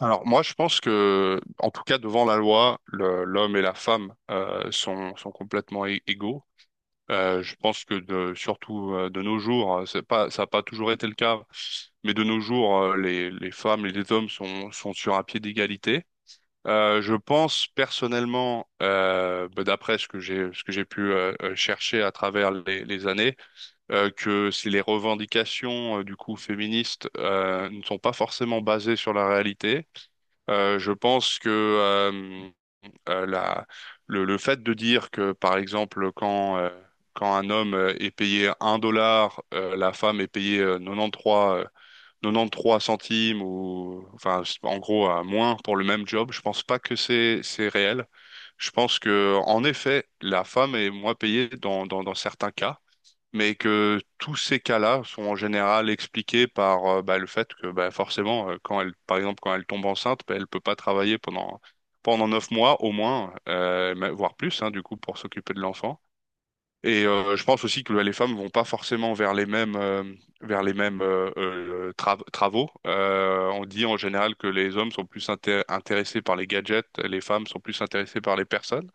Alors moi, je pense que, en tout cas, devant la loi, l'homme et la femme sont complètement égaux. Je pense surtout de nos jours, c'est pas, ça n'a pas toujours été le cas, mais de nos jours, les femmes et les hommes sont sur un pied d'égalité. Je pense personnellement, bah, d'après ce que j'ai pu chercher à travers les années, que si les revendications du coup féministes ne sont pas forcément basées sur la réalité. Je pense que euh, la, le fait de dire que, par exemple, quand un homme est payé un dollar, la femme est payée 93 centimes, ou enfin, en gros, moins pour le même job, je pense pas que c'est réel. Je pense que, en effet, la femme est moins payée dans certains cas, mais que tous ces cas-là sont en général expliqués par bah, le fait que bah, forcément, quand elle tombe enceinte, bah, elle peut pas travailler pendant 9 mois au moins, voire plus, hein, du coup, pour s'occuper de l'enfant. Et je pense aussi que les femmes vont pas forcément vers les mêmes travaux. On dit en général que les hommes sont plus intéressés par les gadgets, les femmes sont plus intéressées par les personnes.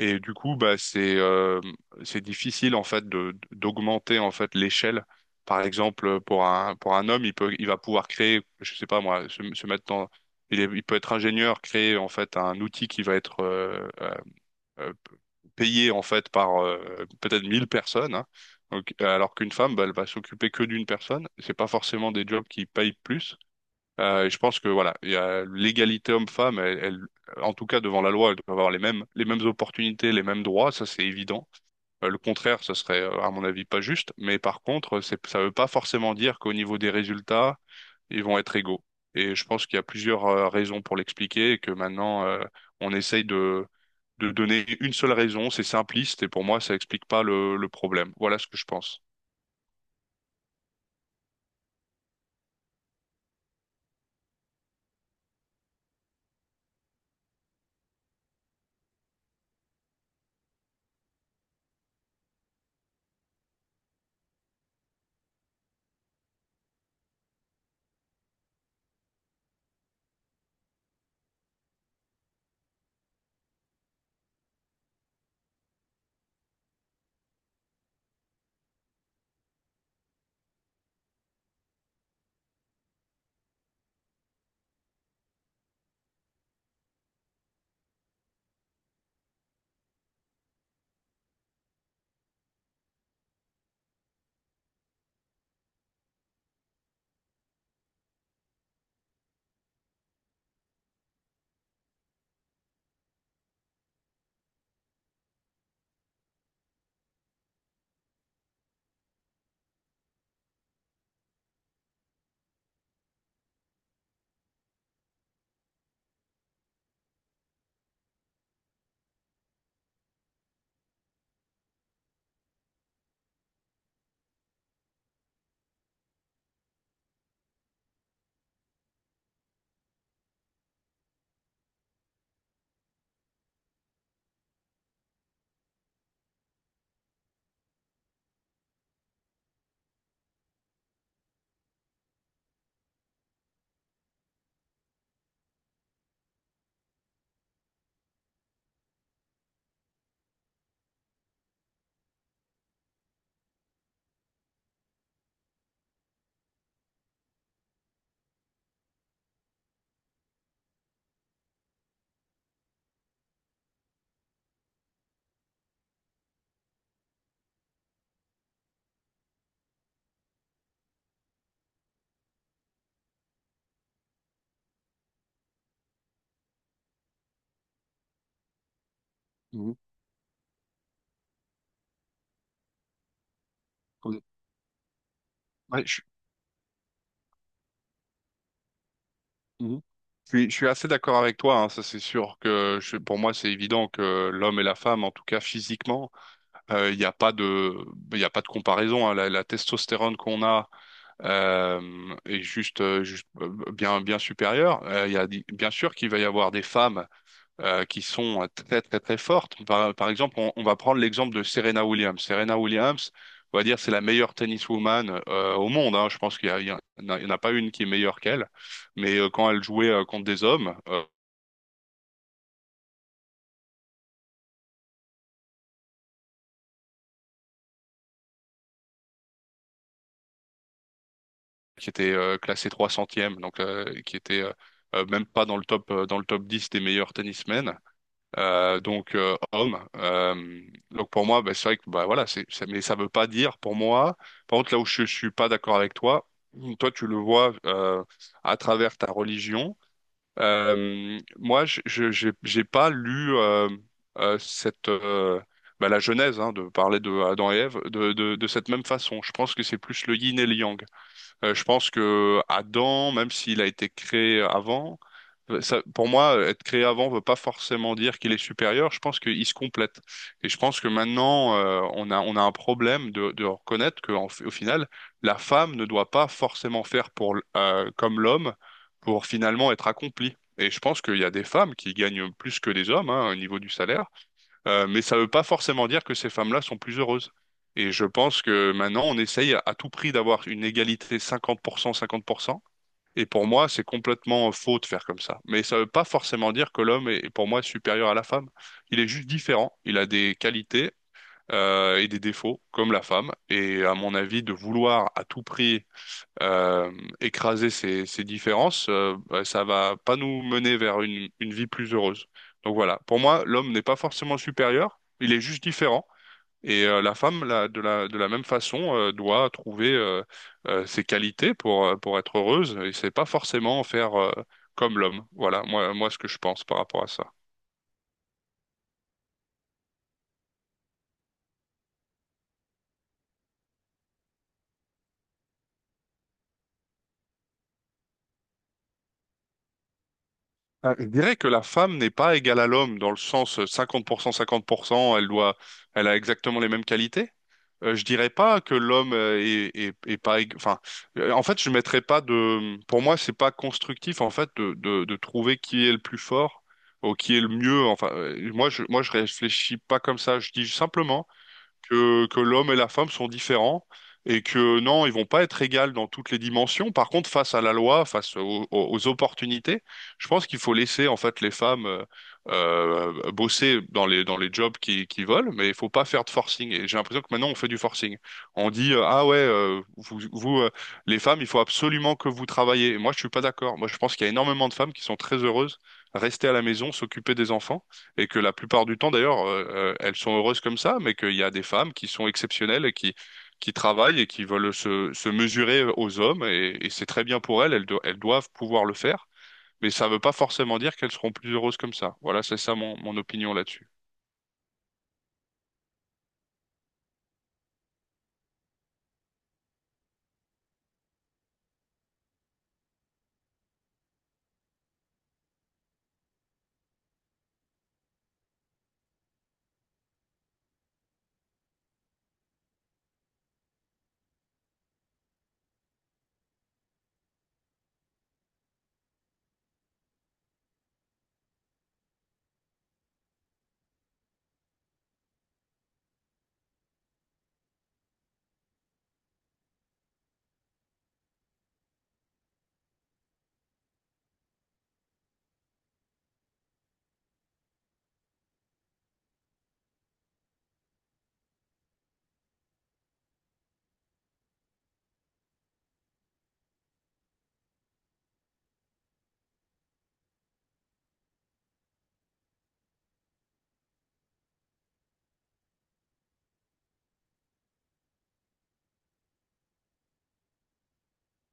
Et du coup, bah, c'est difficile en fait de d'augmenter en fait l'échelle. Par exemple, pour un homme, il va pouvoir créer, je sais pas moi, se mettre dans, il peut être ingénieur, créer en fait un outil qui va être euh, payé en fait par peut-être 1000 personnes, hein. Donc, alors qu'une femme, bah, elle va s'occuper que d'une personne. C'est pas forcément des jobs qui payent plus. Et je pense que voilà, il y a l'égalité homme-femme, en tout cas devant la loi, elle doit avoir les mêmes opportunités, les mêmes droits, ça c'est évident. Le contraire, ça serait à mon avis pas juste, mais par contre, ça veut pas forcément dire qu'au niveau des résultats, ils vont être égaux. Et je pense qu'il y a plusieurs raisons pour l'expliquer, et que maintenant on essaye de donner une seule raison, c'est simpliste, et pour moi ça explique pas le problème. Voilà ce que je pense. Mhm. Ouais, je, Mhm. Je suis assez d'accord avec toi, hein, ça c'est sûr que pour moi c'est évident que l'homme et la femme, en tout cas physiquement, euh, il n'y a pas de, il y a pas de comparaison, hein. La testostérone qu'on a euh, est juste, bien supérieure. Il y a, di- bien sûr qu'il va y avoir des femmes qui sont très très très fortes. Par exemple, on va prendre l'exemple de Serena Williams. Serena Williams, on va dire, c'est la meilleure tenniswoman au monde, hein. Je pense qu'il y a, il y en a pas une qui est meilleure qu'elle. Mais quand elle jouait contre des hommes qui étaient classés 300e, donc qui étaient même pas dans le top dans le top 10 des meilleurs tennismen, donc homme. Donc pour moi, bah, c'est vrai que bah voilà, mais ça veut pas dire pour moi. Par contre, là où je suis pas d'accord avec toi, toi tu le vois à travers ta religion. J'ai pas lu cette bah, la Genèse hein, de parler de Adam et Ève de cette même façon. Je pense que c'est plus le yin et le yang. Je pense que Adam, même s'il a été créé avant, pour moi, être créé avant ne veut pas forcément dire qu'il est supérieur. Je pense qu'il se complète. Et je pense que maintenant, on a un problème de reconnaître qu'au final, la femme ne doit pas forcément faire comme l'homme pour finalement être accomplie. Et je pense qu'il y a des femmes qui gagnent plus que des hommes, hein, au niveau du salaire, mais ça ne veut pas forcément dire que ces femmes-là sont plus heureuses. Et je pense que maintenant, on essaye à tout prix d'avoir une égalité 50%, 50%. Et pour moi, c'est complètement faux de faire comme ça. Mais ça ne veut pas forcément dire que l'homme est, pour moi, supérieur à la femme. Il est juste différent. Il a des qualités, et des défauts, comme la femme. Et à mon avis, de vouloir à tout prix euh, écraser ces différences, bah, ça va pas nous mener vers une vie plus heureuse. Donc voilà, pour moi, l'homme n'est pas forcément supérieur, il est juste différent. Et la femme, là, de la même façon, doit trouver ses qualités pour être heureuse. Et c'est pas forcément faire comme l'homme. Voilà, moi, ce que je pense par rapport à ça. Ah, je dirais que la femme n'est pas égale à l'homme dans le sens 50%, 50%, elle a exactement les mêmes qualités. Je dirais pas que l'homme est pas, ég- enfin, en fait, je mettrais pas de, pour moi, c'est pas constructif, en fait, de trouver qui est le plus fort ou qui est le mieux. Enfin, moi, je réfléchis pas comme ça. Je dis simplement que l'homme et la femme sont différents et que non, ils vont pas être égales dans toutes les dimensions. Par contre, face à la loi, aux opportunités, je pense qu'il faut laisser en fait les femmes bosser dans les jobs qui veulent, mais il faut pas faire de forcing. Et j'ai l'impression que maintenant on fait du forcing. On dit ah ouais, vous les femmes, il faut absolument que vous travaillez. Et moi, je suis pas d'accord. Moi, je pense qu'il y a énormément de femmes qui sont très heureuses rester à la maison, s'occuper des enfants et que la plupart du temps, d'ailleurs, elles sont heureuses comme ça, mais qu'il y a des femmes qui sont exceptionnelles et qui travaillent et qui veulent se mesurer aux hommes, et c'est très bien pour elles, elles doivent pouvoir le faire, mais ça ne veut pas forcément dire qu'elles seront plus heureuses comme ça. Voilà, c'est ça mon opinion là-dessus.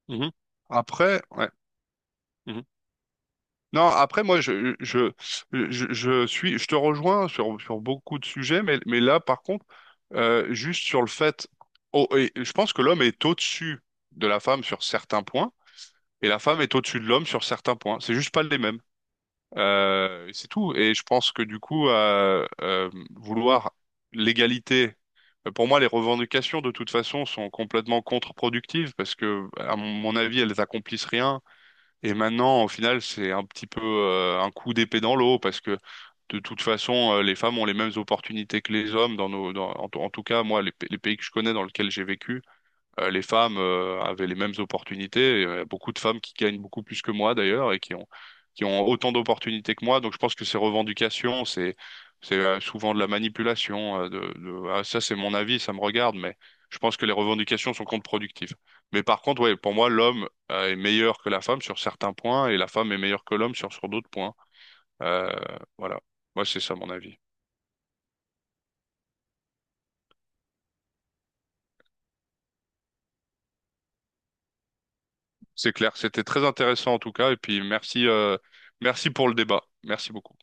Mhm. Après, ouais. Mhm. Non, après, moi, je, je te rejoins sur beaucoup de sujets, mais là, par contre, juste sur le fait, oh, et je pense que l'homme est au-dessus de la femme sur certains points, et la femme est au-dessus de l'homme sur certains points. C'est juste pas les mêmes. C'est tout. Et je pense que du coup, vouloir l'égalité, pour moi, les revendications de toute façon sont complètement contre-productives parce que, à mon avis, elles accomplissent rien. Et maintenant, au final, c'est un petit peu un coup d'épée dans l'eau parce que de toute façon, les femmes ont les mêmes opportunités que les hommes dans nos, dans- en tout cas, moi, les pays que je connais dans lesquels j'ai vécu les femmes avaient les mêmes opportunités. Et, beaucoup de femmes qui gagnent beaucoup plus que moi d'ailleurs et qui ont autant d'opportunités que moi. Donc je pense que ces revendications, c'est souvent de la manipulation. Ah, ça c'est mon avis, ça me regarde, mais je pense que les revendications sont contre-productives. Mais par contre, ouais, pour moi, l'homme est meilleur que la femme sur certains points et la femme est meilleure que l'homme sur d'autres points. Euh, voilà. Moi, c'est ça mon avis. C'est clair. C'était très intéressant en tout cas. Et puis merci, merci pour le débat. Merci beaucoup.